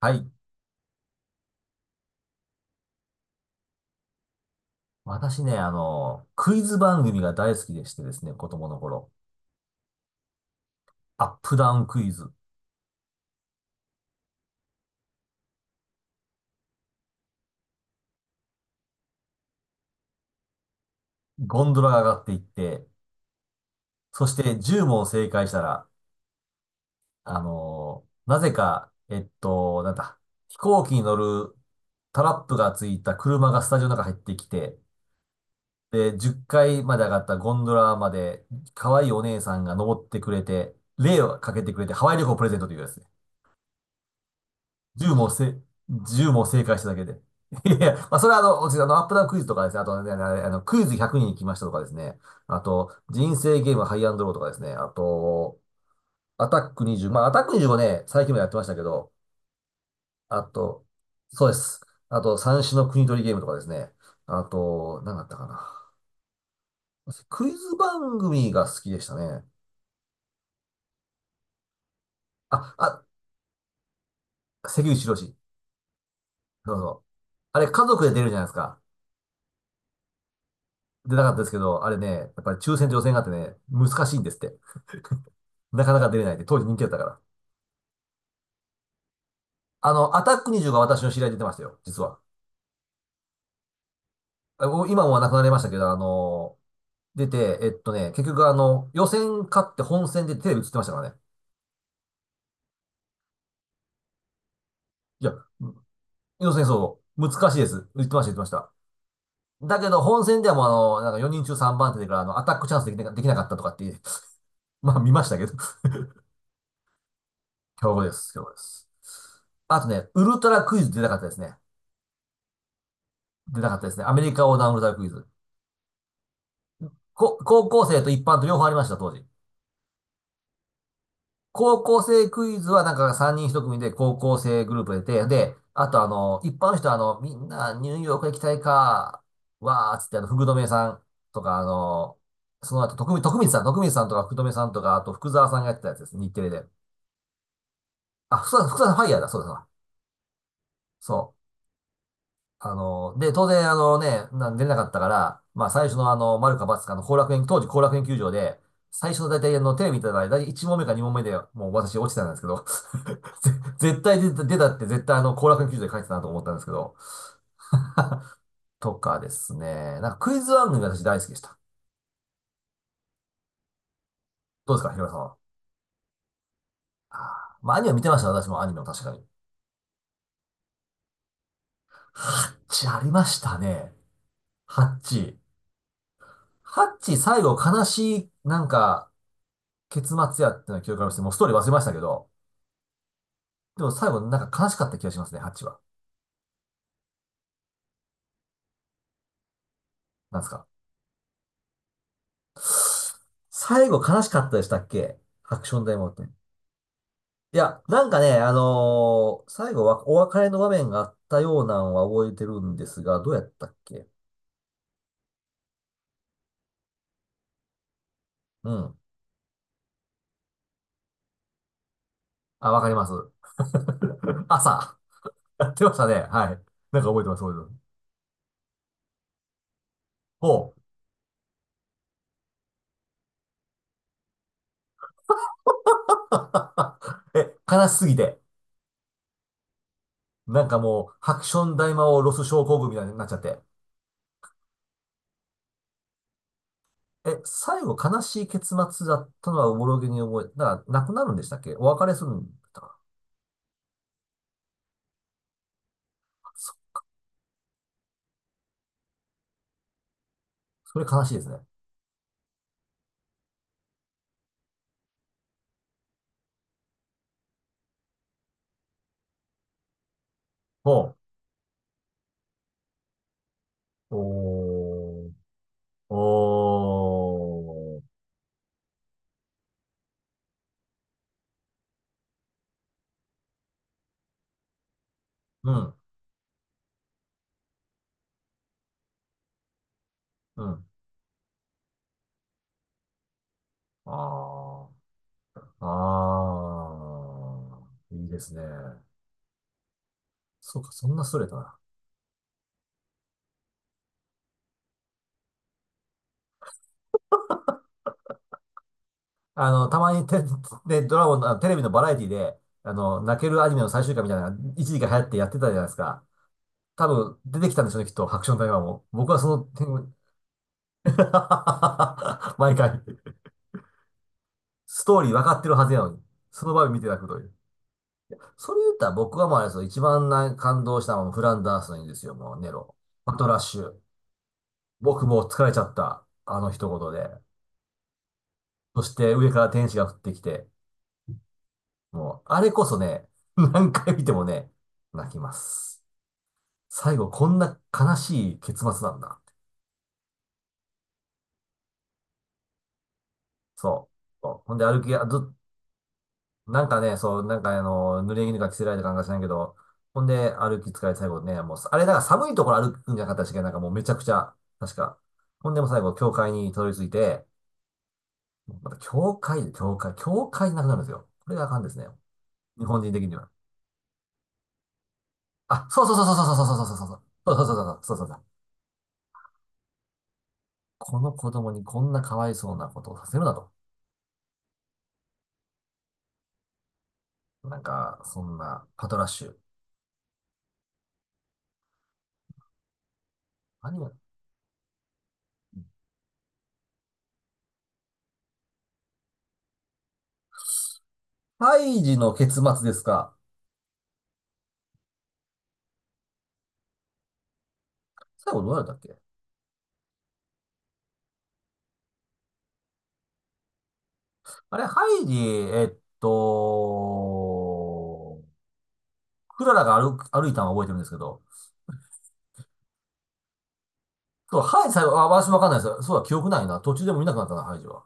はい。私ね、クイズ番組が大好きでしてですね、子供の頃。アップダウンクイズ。ゴンドラが上がっていって、そして10問正解したら、あの、なぜか、えっと、なんだ、飛行機に乗るタラップがついた車がスタジオの中入ってきて、で、10階まで上がったゴンドラまで、可愛いお姉さんが登ってくれて、霊をかけてくれて、ハワイ旅行をプレゼントというやつ。10問せ、1問正解しただけで。いやいや、まあ、それは私、アップダウンクイズとかですね、あとね、あのクイズ100人行きましたとかですね、あと、人生ゲームハイアンドローとかですね、あと、アタック20、まあ、アタック2もね、最近もやってましたけど、あと、そうです。あと、三種の国取りゲームとかですね、あと、何だったかな。私クイズ番組が好きでしたね。あ、あ、関口宏。そうそう。あれ、家族で出るじゃないですか。出なかったですけど、あれね、やっぱり抽選と予選があってね、難しいんですって。なかなか出れないって、当時人気だったから。あの、アタック25が私の知り合いで出てましたよ、実は。あもう今もはなくなりましたけど、出て、えっとね、結局、予選勝って本戦でテレビ映ってましたからね。いや、予選そう、難しいです。言ってました、言ってました。だけど、本戦ではもう、なんか4人中3番手でから、アタックチャンスできな、できなかったとかっていう、まあ見ましたけど 強豪です、強豪です。あとね、ウルトラクイズ出なかったですね。出なかったですね。アメリカ横断ウルトラクイズ。高校生と一般と両方ありました、当時。高校生クイズはなんか3人1組で高校生グループで、あと、一般の人は、みんなニューヨーク行きたいか、わーっつってあの、福留さんとかあの、その後、徳光、徳光さん、徳光さんとか福留さんとか、あと福沢さんがやってたやつです、日テレで。福沢さんファイヤーだ、そうだそうだ。そう。で、当然、出れなかったから、まあ、最初の、丸か×かの後楽園、当時後楽園球場で、最初の大体、テレビ見てたら、大体1問目か2問目で、もう私落ちてたんですけど、ぜ絶対出た出たって絶対あの、後楽園球場で書いてたなと思ったんですけど、とかですね、なんかクイズ番組が私大好きでした。どうですか、ひろやさんは。あーまあ、アニメ見てました、私もアニメを確かに。ハッチありましたね。ハッチ。ハッチ最後悲しい、なんか、結末やっての記憶がありまして、もうストーリー忘れましたけど、でも最後なんか悲しかった気がしますね、チは。なんすか。最後悲しかったでしたっけ？ハクション大魔王って。いや、なんかね、最後はお別れの場面があったようなのは覚えてるんですが、どうやったっけ？うん。あ、わかります。朝。やってましたね。はい。なんか覚えてます、覚えてます。ほう。え、悲しすぎて。なんかもう、ハクション大魔王ロス症候群みたいになっちゃって。え、最後悲しい結末だったのはおぼろげに覚えて、だから亡くなるんでしたっけ？お別れするんだったか？なそ、それ悲しいですね。ほう。おー。おー。うん。うん。あー。あー。いいですね。そうか、そんなストレートな。たまに、ドラゴンの、あテレビのバラエティで、あの、泣けるアニメの最終回みたいなのが一時期流行ってやってたじゃないですか。多分出てきたんでしょうね、きっと、ハクション大魔王も。僕はその 毎回。ストーリー分かってるはずやのに。その場面見て泣くという。それ言ったら僕はもうあれですよ。一番な感動したのはフランダースのいいんですよ。もうネロ。パトラッシュ。僕もう疲れちゃった。あの一言で。そして上から天使が降ってきて。もう、あれこそね、何回見てもね、泣きます。最後こんな悲しい結末なんだ。そう。そうほんで歩きや、ずっなんかね、そう、なんか、濡れ衣が着せられた感じがしないけど、ほんで歩き疲れて最後ね、もう、あれだから寒いところ歩くんじゃなかったし、なんかもうめちゃくちゃ、確か。ほんでもう最後、教会にたどり着いて、また教会で教会なくなるんですよ。これがあかんですね。日本人的には。あ、そうそうそうそうそうそうそうそうそうそうそうそうそうそうそうそうそう。この子供にこんなかわいそうなことをさせるなと。なんか、そんな、パトラッシュ。何が、胎児の結末ですか？最後どうなったっけ？ハイジ、と、クララが歩いたのは覚えてるんですけど、そう、ハイジ最後、あ、私わかんないです。そうだ、記憶ないな。途中でも見なくなったな、ハイジは。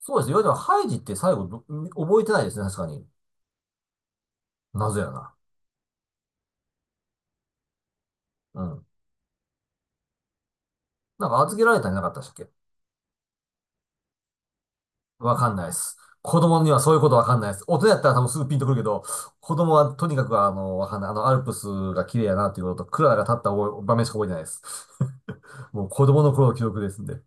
そうですよ。いわれても、ハイジって最後ど、覚えてないですね、確かに。謎やな。うん。なんか預けられたんじゃなかったっけ？わかんないです。子供にはそういうことわかんないです。大人やったら多分すぐピンとくるけど、子供はとにかくわかんない。あの、アルプスが綺麗やなっていうことと、クララが立った覚え場面しか覚えてないです。もう子供の頃の記憶ですんで。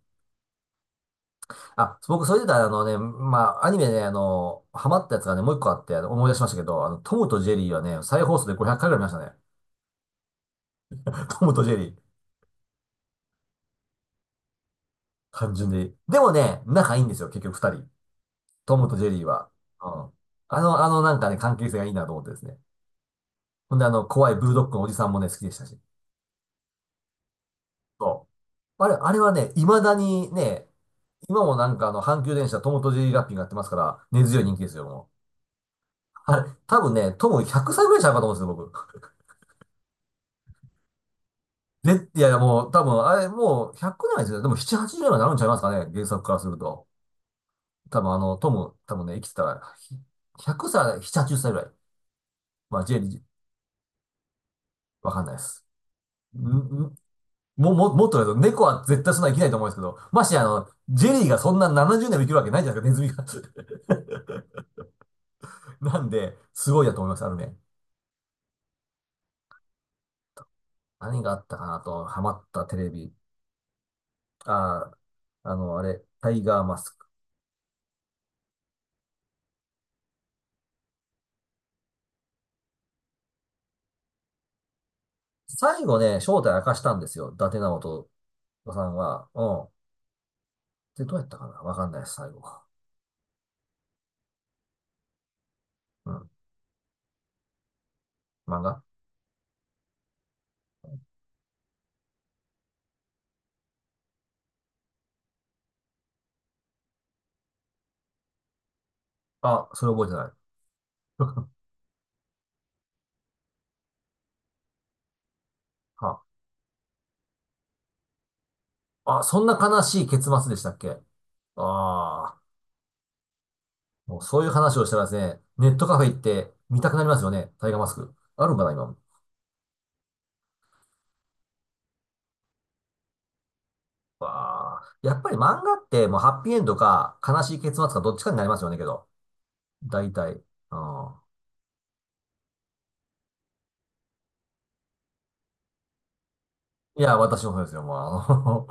僕、それで言ったら、あのね、まあ、アニメね、あの、ハマったやつがね、もう一個あって、あの思い出しましたけど、あの、トムとジェリーはね、再放送で500回ぐらい見ましたね。トムとジェリー。単純で。でもね、仲いいんですよ、結局二人。トムとジェリーは。うん。なんかね、関係性がいいなと思ってですね。ほんで、あの、怖いブルドッグのおじさんもね、好きでしたし。そう。あれはね、未だにね、今もなんかあの、阪急電車トムとジェリーラッピングやってますから、根強い人気ですよ、もう。あれ、多分ね、トム100歳ぐらいちゃうかと思うんですよ、僕。ぜ、いや、もう、多分、あれ、もう、100ないですよ。でも、7、80になるんちゃいますかね、原作からすると。多分、あの、トム、多分ね、生きてたら、100歳、7、80歳ぐらい。まあ、ジェリー、わかんないです。ん、ん、もっと言うと、猫は絶対そんな生きないと思うんですけど、ましてあの、ジェリーがそんな70年も生きるわけないじゃないですか、ネズミが。なんで、すごいだと思います、あるね。何があったかなと、ハマったテレビ。あー、あの、あれ、タイガーマスク。最後ね、正体明かしたんですよ、伊達直人さんは。うん。で、どうやったかなわかんないです、最後。うん。漫画あ、それ覚えてない。はあ、そんな悲しい結末でしたっけ？あ、あー、もうそういう話をしたらですね、ネットカフェ行って見たくなりますよね。タイガーマスク。あるんかな、今。わあ、やっぱり漫画ってもうハッピーエンドか悲しい結末かどっちかになりますよね、けど。大体。うん。いや、私もそうですよ、もう。あの